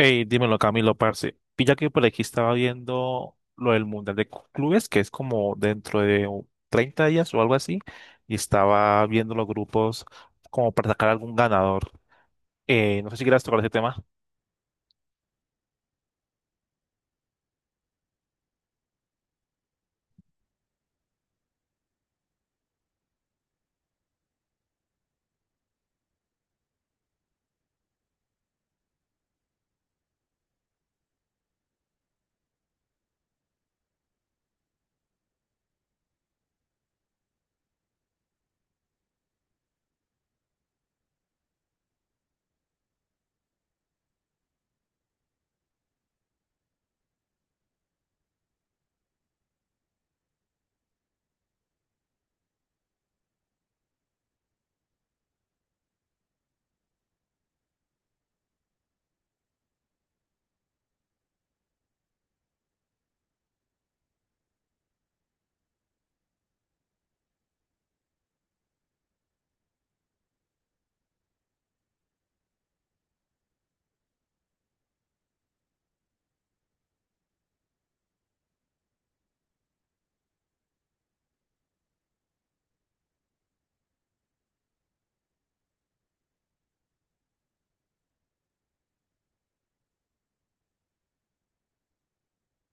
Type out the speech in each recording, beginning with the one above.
Hey, dímelo, Camilo, parce. Pilla que por aquí estaba viendo lo del Mundial de Clubes, que es como dentro de 30 días o algo así, y estaba viendo los grupos como para sacar algún ganador. No sé si quieras tocar ese tema.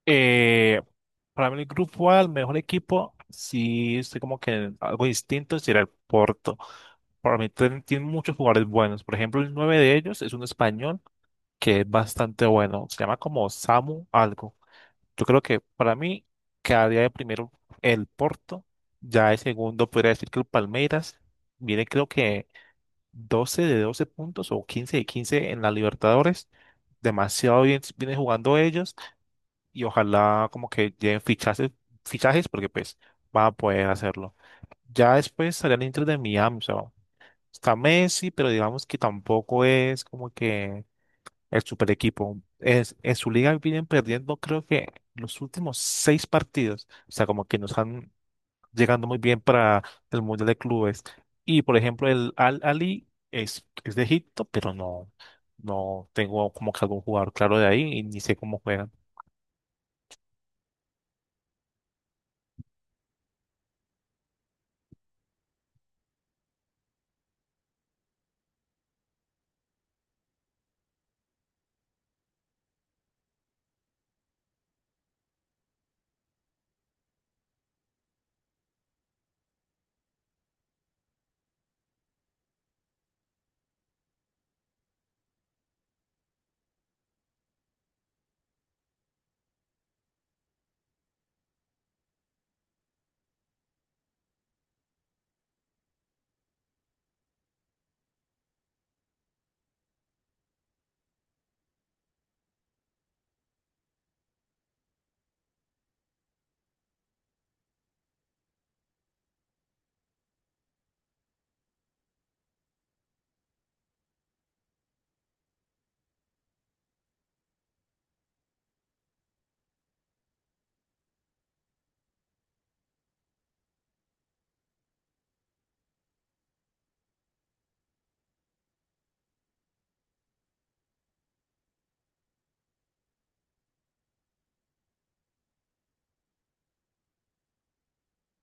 Eh, para mí el grupo A, el mejor equipo, sí estoy como que algo distinto, sería el Porto. Para mí tiene muchos jugadores buenos. Por ejemplo, el nueve de ellos es un español que es bastante bueno. Se llama como Samu algo. Yo creo que para mí quedaría de primero el Porto. Ya de segundo podría decir que el Palmeiras viene creo que 12 de 12 puntos o 15 de 15 en la Libertadores. Demasiado bien viene jugando ellos y ojalá como que lleguen fichajes, fichajes porque pues van a poder hacerlo. Ya después estarían dentro de Miami, o sea, está Messi, pero digamos que tampoco es como que el super equipo. Es, en su liga vienen perdiendo creo que los últimos seis partidos, o sea, como que nos están llegando muy bien para el Mundial de Clubes. Y por ejemplo, el Al Ali es de Egipto, pero no tengo como que algún jugador claro de ahí y ni sé cómo juega.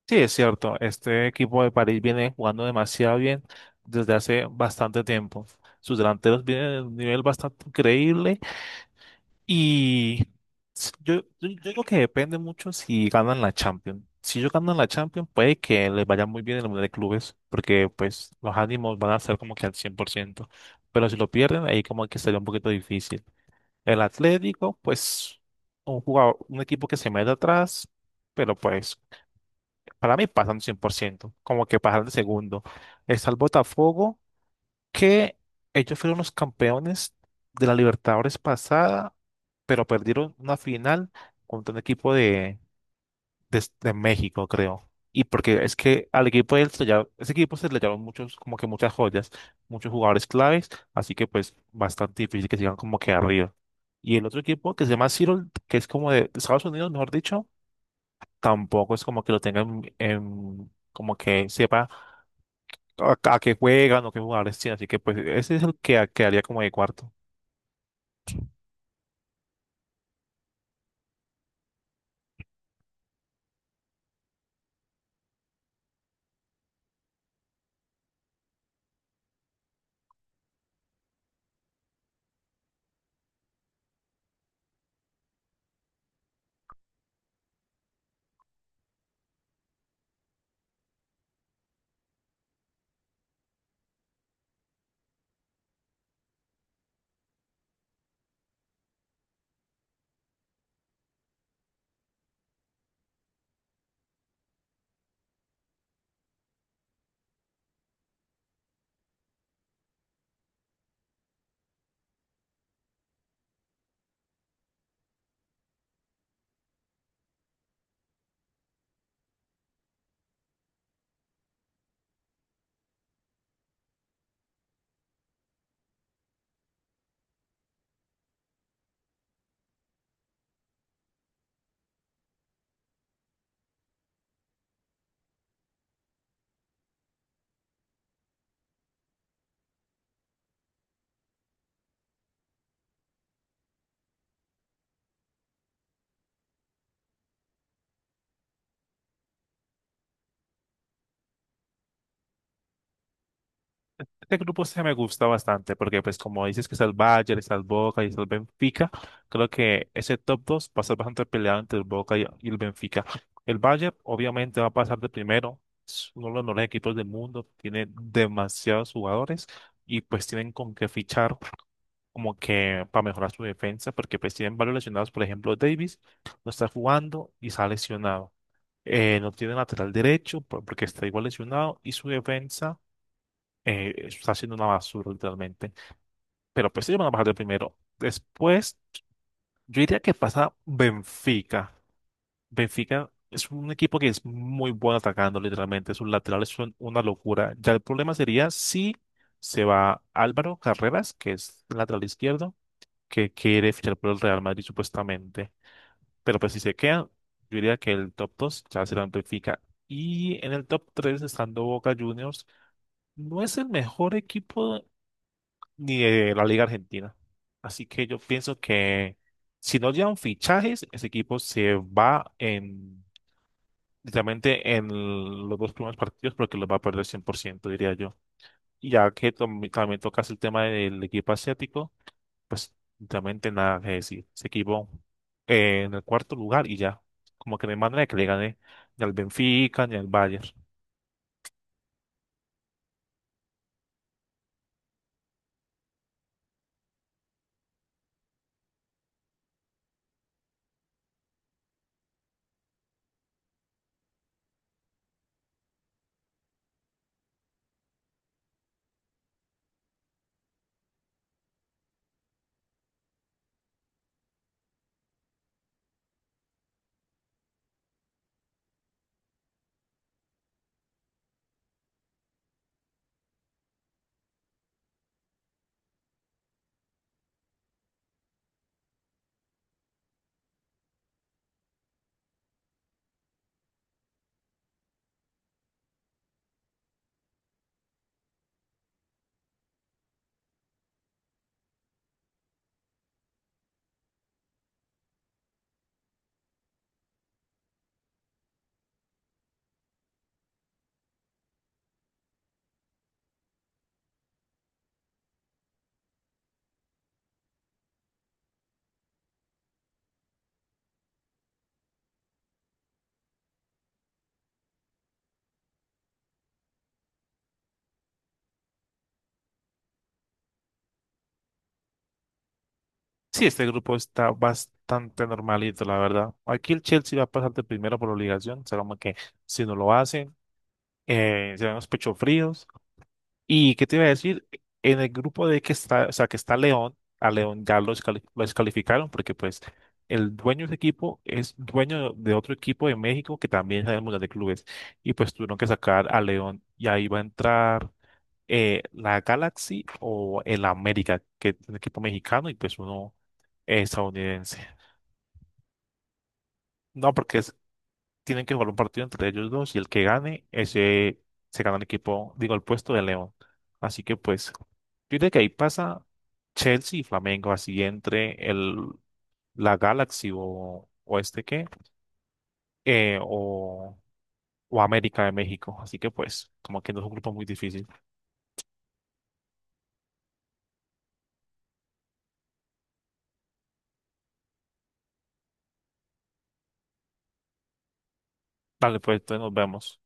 Sí, es cierto. Este equipo de París viene jugando demasiado bien desde hace bastante tiempo. Sus delanteros vienen de un nivel bastante increíble y yo creo que depende mucho si ganan la Champions. Si ellos ganan la Champions, puede que les vaya muy bien en el Mundial de Clubes, porque pues los ánimos van a ser como que al 100%. Pero si lo pierden, ahí como que sería un poquito difícil. El Atlético, pues, un jugador, un equipo que se mete atrás, pero pues, para mí pasan 100%, como que pasan de segundo. Está el Botafogo, que ellos fueron los campeones de la Libertadores pasada, pero perdieron una final contra un equipo de México, creo. Y porque es que al equipo de él ese equipo se le llevaron muchos, como que muchas joyas, muchos jugadores claves, así que pues bastante difícil que sigan como que arriba. Y el otro equipo que se llama Seattle, que es como de Estados Unidos, mejor dicho, tampoco es como que lo tengan en, como que sepa a qué juegan o qué jugadores tienen, así que pues ese es el que quedaría como de cuarto. Este grupo se me gusta bastante porque, pues, como dices que está el Bayern, está el Boca y está el Benfica, creo que ese top 2 va a ser bastante peleado entre el Boca y el Benfica. El Bayern obviamente va a pasar de primero, es uno de los mejores equipos del mundo, tiene demasiados jugadores y pues tienen con qué fichar como que para mejorar su defensa porque pues tienen varios lesionados, por ejemplo, Davis no está jugando y está lesionado. No tiene lateral derecho porque está igual lesionado y su defensa está siendo una basura literalmente. Pero pues ellos van a bajar de primero. Después, yo diría que pasa Benfica. Benfica es un equipo que es muy bueno atacando literalmente. Sus laterales son una locura. Ya el problema sería si se va Álvaro Carreras, que es el lateral izquierdo, que quiere fichar por el Real Madrid supuestamente. Pero pues si se queda, yo diría que el top 2 ya será Benfica. Y en el top 3 estando Boca Juniors. No es el mejor equipo ni de la Liga Argentina. Así que yo pienso que si no llegan fichajes, ese equipo se va en literalmente en los dos primeros partidos porque los va a perder 100% diría yo. Y ya que también tocas el tema del equipo asiático, pues literalmente nada que decir. Ese equipo en el cuarto lugar y ya. Como que no hay manera de que le gane ni al Benfica ni al Bayern. Sí, este grupo está bastante normalito, la verdad. Aquí el Chelsea va a pasar de primero por obligación, o sea, como que si no lo hacen, serán los pechos fríos. ¿Y qué te iba a decir? En el grupo de que está, o sea, que está León, a León ya los lo descalificaron porque pues el dueño de ese equipo es dueño de otro equipo de México que también es el Mundial de Clubes y pues tuvieron que sacar a León y ahí va a entrar la Galaxy o el América, que es un equipo mexicano y pues uno estadounidense. No, porque tienen que jugar un partido entre ellos dos y el que gane, ese se gana el equipo, digo, el puesto de León. Así que pues, yo diría que ahí pasa Chelsea y Flamengo, así entre el, la Galaxy o este qué, eh, o, o América de México. Así que pues, como que no es un grupo muy difícil. Vale, pues entonces nos vemos.